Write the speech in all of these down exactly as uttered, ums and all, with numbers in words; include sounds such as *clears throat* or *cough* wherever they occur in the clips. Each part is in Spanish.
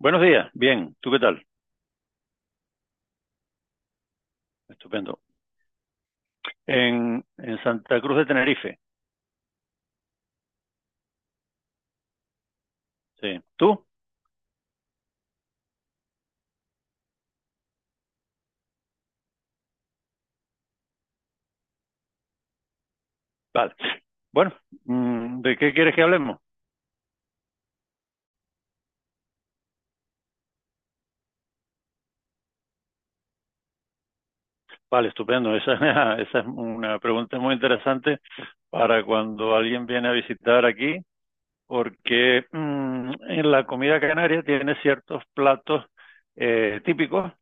Buenos días, bien. ¿Tú qué tal? Estupendo. En, en Santa Cruz de Tenerife. Sí. ¿Tú? Vale. Bueno, mm, ¿de qué quieres que hablemos? Vale, estupendo. Esa, *laughs* esa es una pregunta muy interesante para cuando alguien viene a visitar aquí, porque mm, en la comida canaria tiene ciertos platos eh, típicos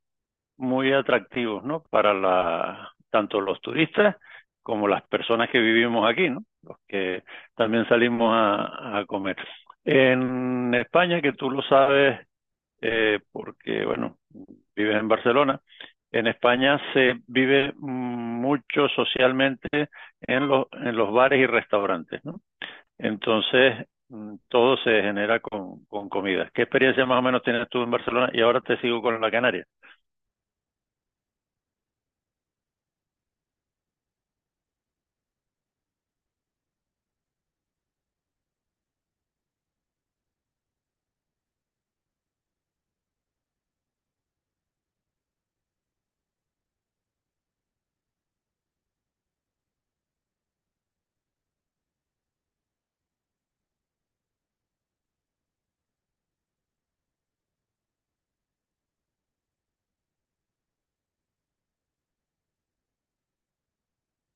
muy atractivos, ¿no? Para la, tanto los turistas como las personas que vivimos aquí, ¿no? Los que también salimos a, a comer. En España, que tú lo sabes, eh, porque, bueno, vives en Barcelona, en España se vive mucho socialmente en los, en los bares y restaurantes, ¿no? Entonces, mm, todo se genera con, con comida. ¿Qué experiencia más o menos tienes tú en Barcelona? Y ahora te sigo con la Canaria.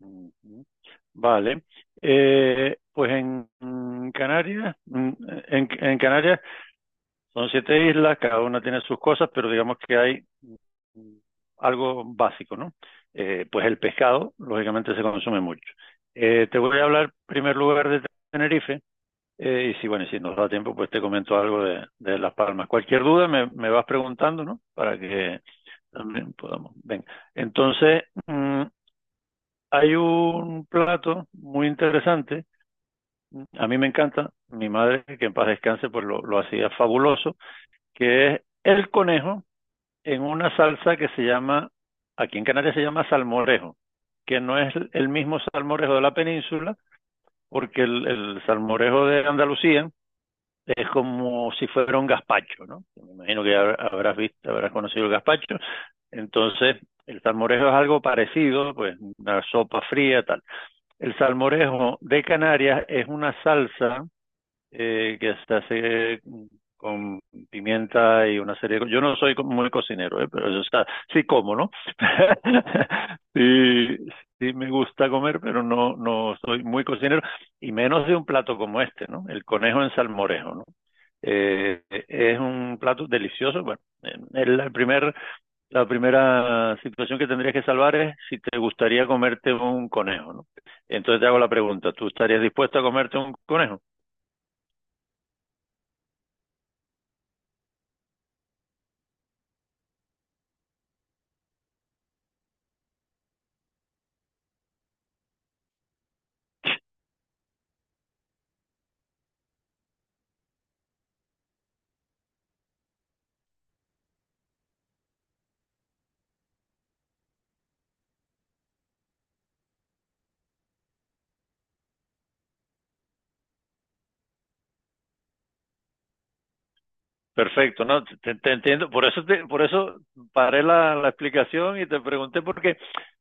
Ujú. Vale. Eh, pues en mm, Canarias, mm, en, en Canarias son siete islas, cada una tiene sus cosas, pero digamos que hay mm, algo básico, ¿no? Eh, pues el pescado, lógicamente, se consume mucho. Eh, te voy a hablar en primer lugar de Tenerife, eh, y si, bueno, y si nos da tiempo, pues te comento algo de, de Las Palmas. Cualquier duda me, me vas preguntando, ¿no? Para que también podamos. Venga. Entonces, mm, hay un plato muy interesante, a mí me encanta, mi madre, que en paz descanse, pues lo, lo hacía fabuloso, que es el conejo en una salsa que se llama, aquí en Canarias se llama salmorejo, que no es el mismo salmorejo de la península, porque el, el salmorejo de Andalucía es como si fuera un gazpacho, ¿no? Me imagino que habrás visto, habrás conocido el gazpacho. Entonces, el salmorejo es algo parecido, pues una sopa fría, tal. El salmorejo de Canarias es una salsa eh, que se hace con pimienta y una serie de cosas. Yo no soy muy cocinero, ¿eh? Pero yo, o sea, sí como, ¿no? *laughs* Sí, sí me gusta comer, pero no, no soy muy cocinero, y menos de un plato como este, ¿no? El conejo en salmorejo, ¿no? Eh, es un plato delicioso. Bueno, es el primer la primera situación que tendrías que salvar es si te gustaría comerte un conejo, ¿no? Entonces te hago la pregunta, ¿tú estarías dispuesto a comerte un conejo? Perfecto, no, te, te entiendo. Por eso, te- por eso paré la, la explicación y te pregunté por qué.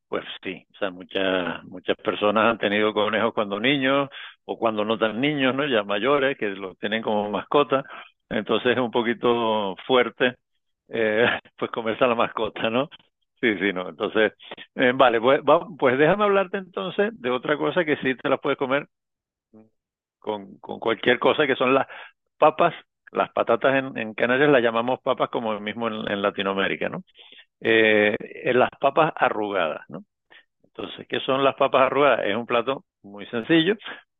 Pues sí, o sea, muchas, muchas personas han tenido conejos cuando niños o cuando no tan niños, ¿no? Ya mayores, que los tienen como mascota. Entonces es un poquito fuerte, eh, *laughs* pues comerse a la mascota, ¿no? Sí, sí, no. Entonces, eh, vale, pues, va- pues déjame hablarte entonces de otra cosa que sí te la puedes comer con, con cualquier cosa que son las papas, las patatas en, en Canarias las llamamos papas como mismo en, en Latinoamérica, ¿no? Eh, en las papas arrugadas, ¿no? Entonces, ¿qué son las papas arrugadas? Es un plato muy sencillo.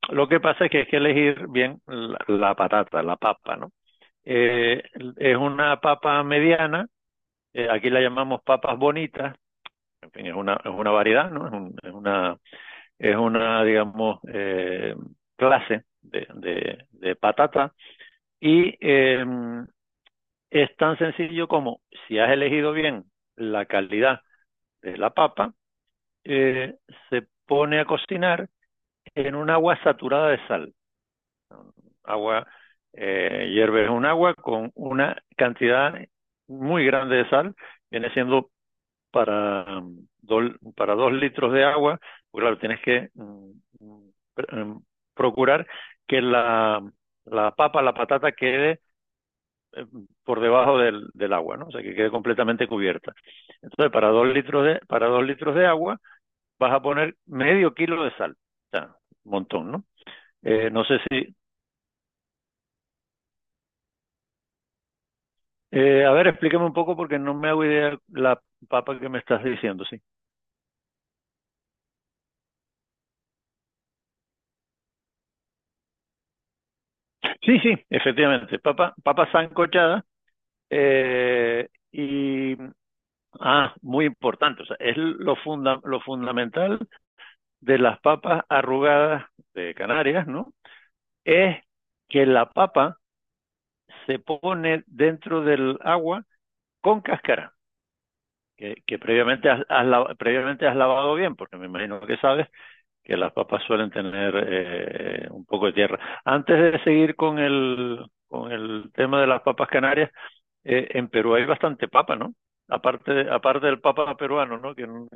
Lo que pasa es que hay que elegir bien la, la patata, la papa, ¿no? Eh, es una papa mediana, eh, aquí la llamamos papas bonitas, en fin, es una, es una variedad, ¿no? Es, un- es una, es una, digamos, eh, clase de, de, de patata y eh, es tan sencillo como si has elegido bien la calidad de la papa, eh, se pone a cocinar en un agua saturada de sal. Agua, eh, hierves un agua con una cantidad muy grande de sal, viene siendo para, do, para dos litros de agua, pues claro, tienes que mm, procurar que la, la papa, la patata quede eh, por debajo del, del, agua, ¿no? O sea, que quede completamente cubierta. Entonces, para dos litros de, para dos litros de agua vas a poner medio kilo de sal. O sea, un montón, ¿no? Eh, no sé si... Eh, a ver, explícame un poco porque no me hago idea la papa que me estás diciendo, sí. Sí, sí, efectivamente. Papa, papa sancochada eh, y... Ah, muy importante. O sea, es lo, funda, lo fundamental de las papas arrugadas de Canarias, ¿no? Es que la papa se pone dentro del agua con cáscara, que, que previamente, has, has lavado, previamente has lavado bien, porque me imagino que sabes que las papas suelen tener eh, un poco de tierra. Antes de seguir con el, con el tema de las papas canarias, eh, en Perú hay bastante papa, ¿no? Aparte, aparte del papa peruano, ¿no? Que... no...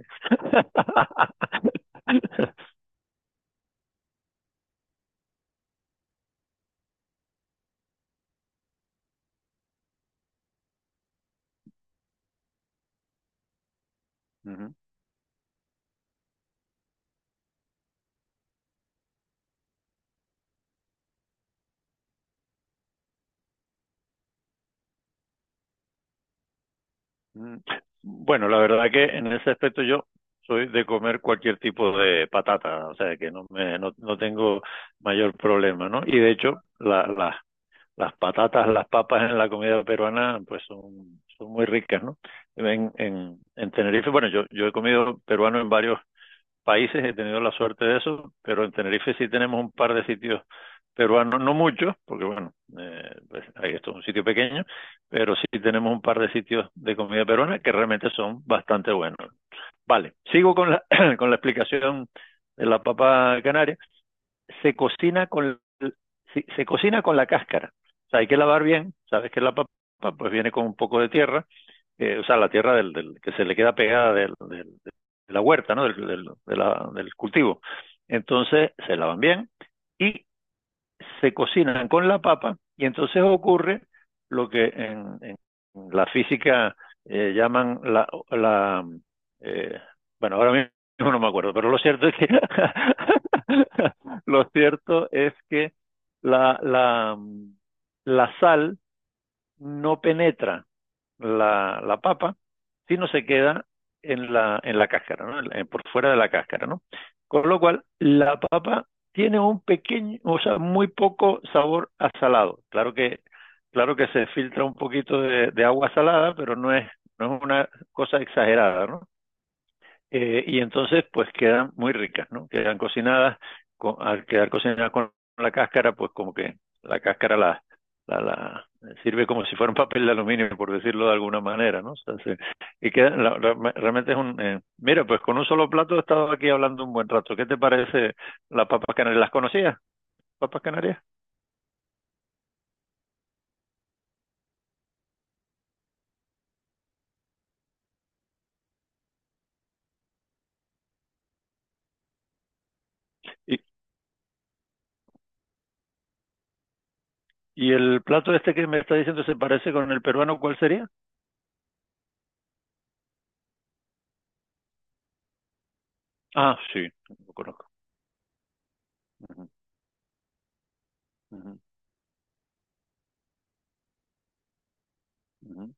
*laughs* Mm, bueno, la verdad que en ese aspecto yo soy de comer cualquier tipo de patata, o sea que no me no, no tengo mayor problema, ¿no? Y de hecho, la, la- las patatas, las papas en la comida peruana, pues son, son muy ricas, ¿no? En, en, en Tenerife, bueno, yo, yo he comido peruano en varios países he tenido la suerte de eso, pero en Tenerife sí tenemos un par de sitios peruanos, no muchos, porque bueno, eh, pues, esto es un sitio pequeño, pero sí tenemos un par de sitios de comida peruana que realmente son bastante buenos. Vale, sigo con la, *clears throat* con la explicación de la papa canaria. Se cocina con, se, se cocina con la cáscara. O sea, hay que lavar bien, sabes que la papa pues viene con un poco de tierra, eh, o sea, la tierra del, del, que se le queda pegada del, del, de la huerta, ¿no? Del, del, De la, del cultivo. Entonces se lavan bien y se cocinan con la papa y entonces ocurre lo que en, en la física eh, llaman la... la eh, bueno, ahora mismo no me acuerdo, pero lo cierto es que... *laughs* lo cierto es que la, la, la sal no penetra la, la papa, sino se queda en la, en la cáscara, ¿no? En la- por fuera de la cáscara, ¿no? Con lo cual, la papa tiene un pequeño, o sea, muy poco sabor a salado. Claro que, claro que se filtra un poquito de, de agua salada, pero no es, no es una cosa exagerada, ¿no? Eh, y entonces pues quedan muy ricas, ¿no? Quedan cocinadas, con, al quedar cocinadas con la cáscara, pues como que la cáscara la, la, la sirve como si fuera un papel de aluminio, por decirlo de alguna manera, ¿no? O sea, se- y queda, la- la- realmente es un... eh, mira, pues con un solo plato he estado aquí hablando un buen rato. ¿Qué te parece las papas canarias? ¿Las conocías, papas canarias? Y, y el plato este que me está diciendo se parece con el peruano, ¿cuál sería? Ah, sí, lo conozco. Ujú, ujú, ujú.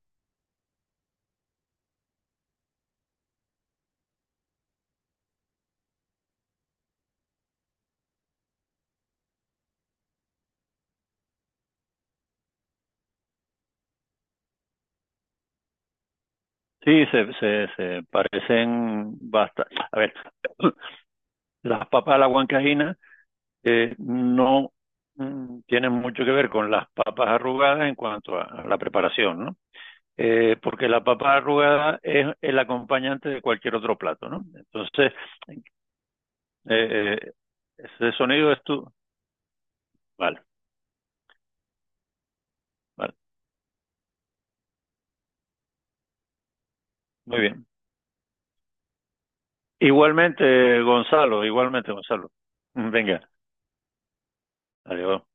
Sí, se, se, se parecen bastante. A ver, *clears throat* las papas a la huancaína eh, no mm, tienen mucho que ver con las papas arrugadas en cuanto a, a la preparación, ¿no? Eh, porque la papa arrugada es el acompañante de cualquier otro plato, ¿no? Entonces, eh, eh, ese sonido es tu... Vale, vale, muy bien. Igualmente, Gonzalo, igualmente, Gonzalo. Venga, adiós.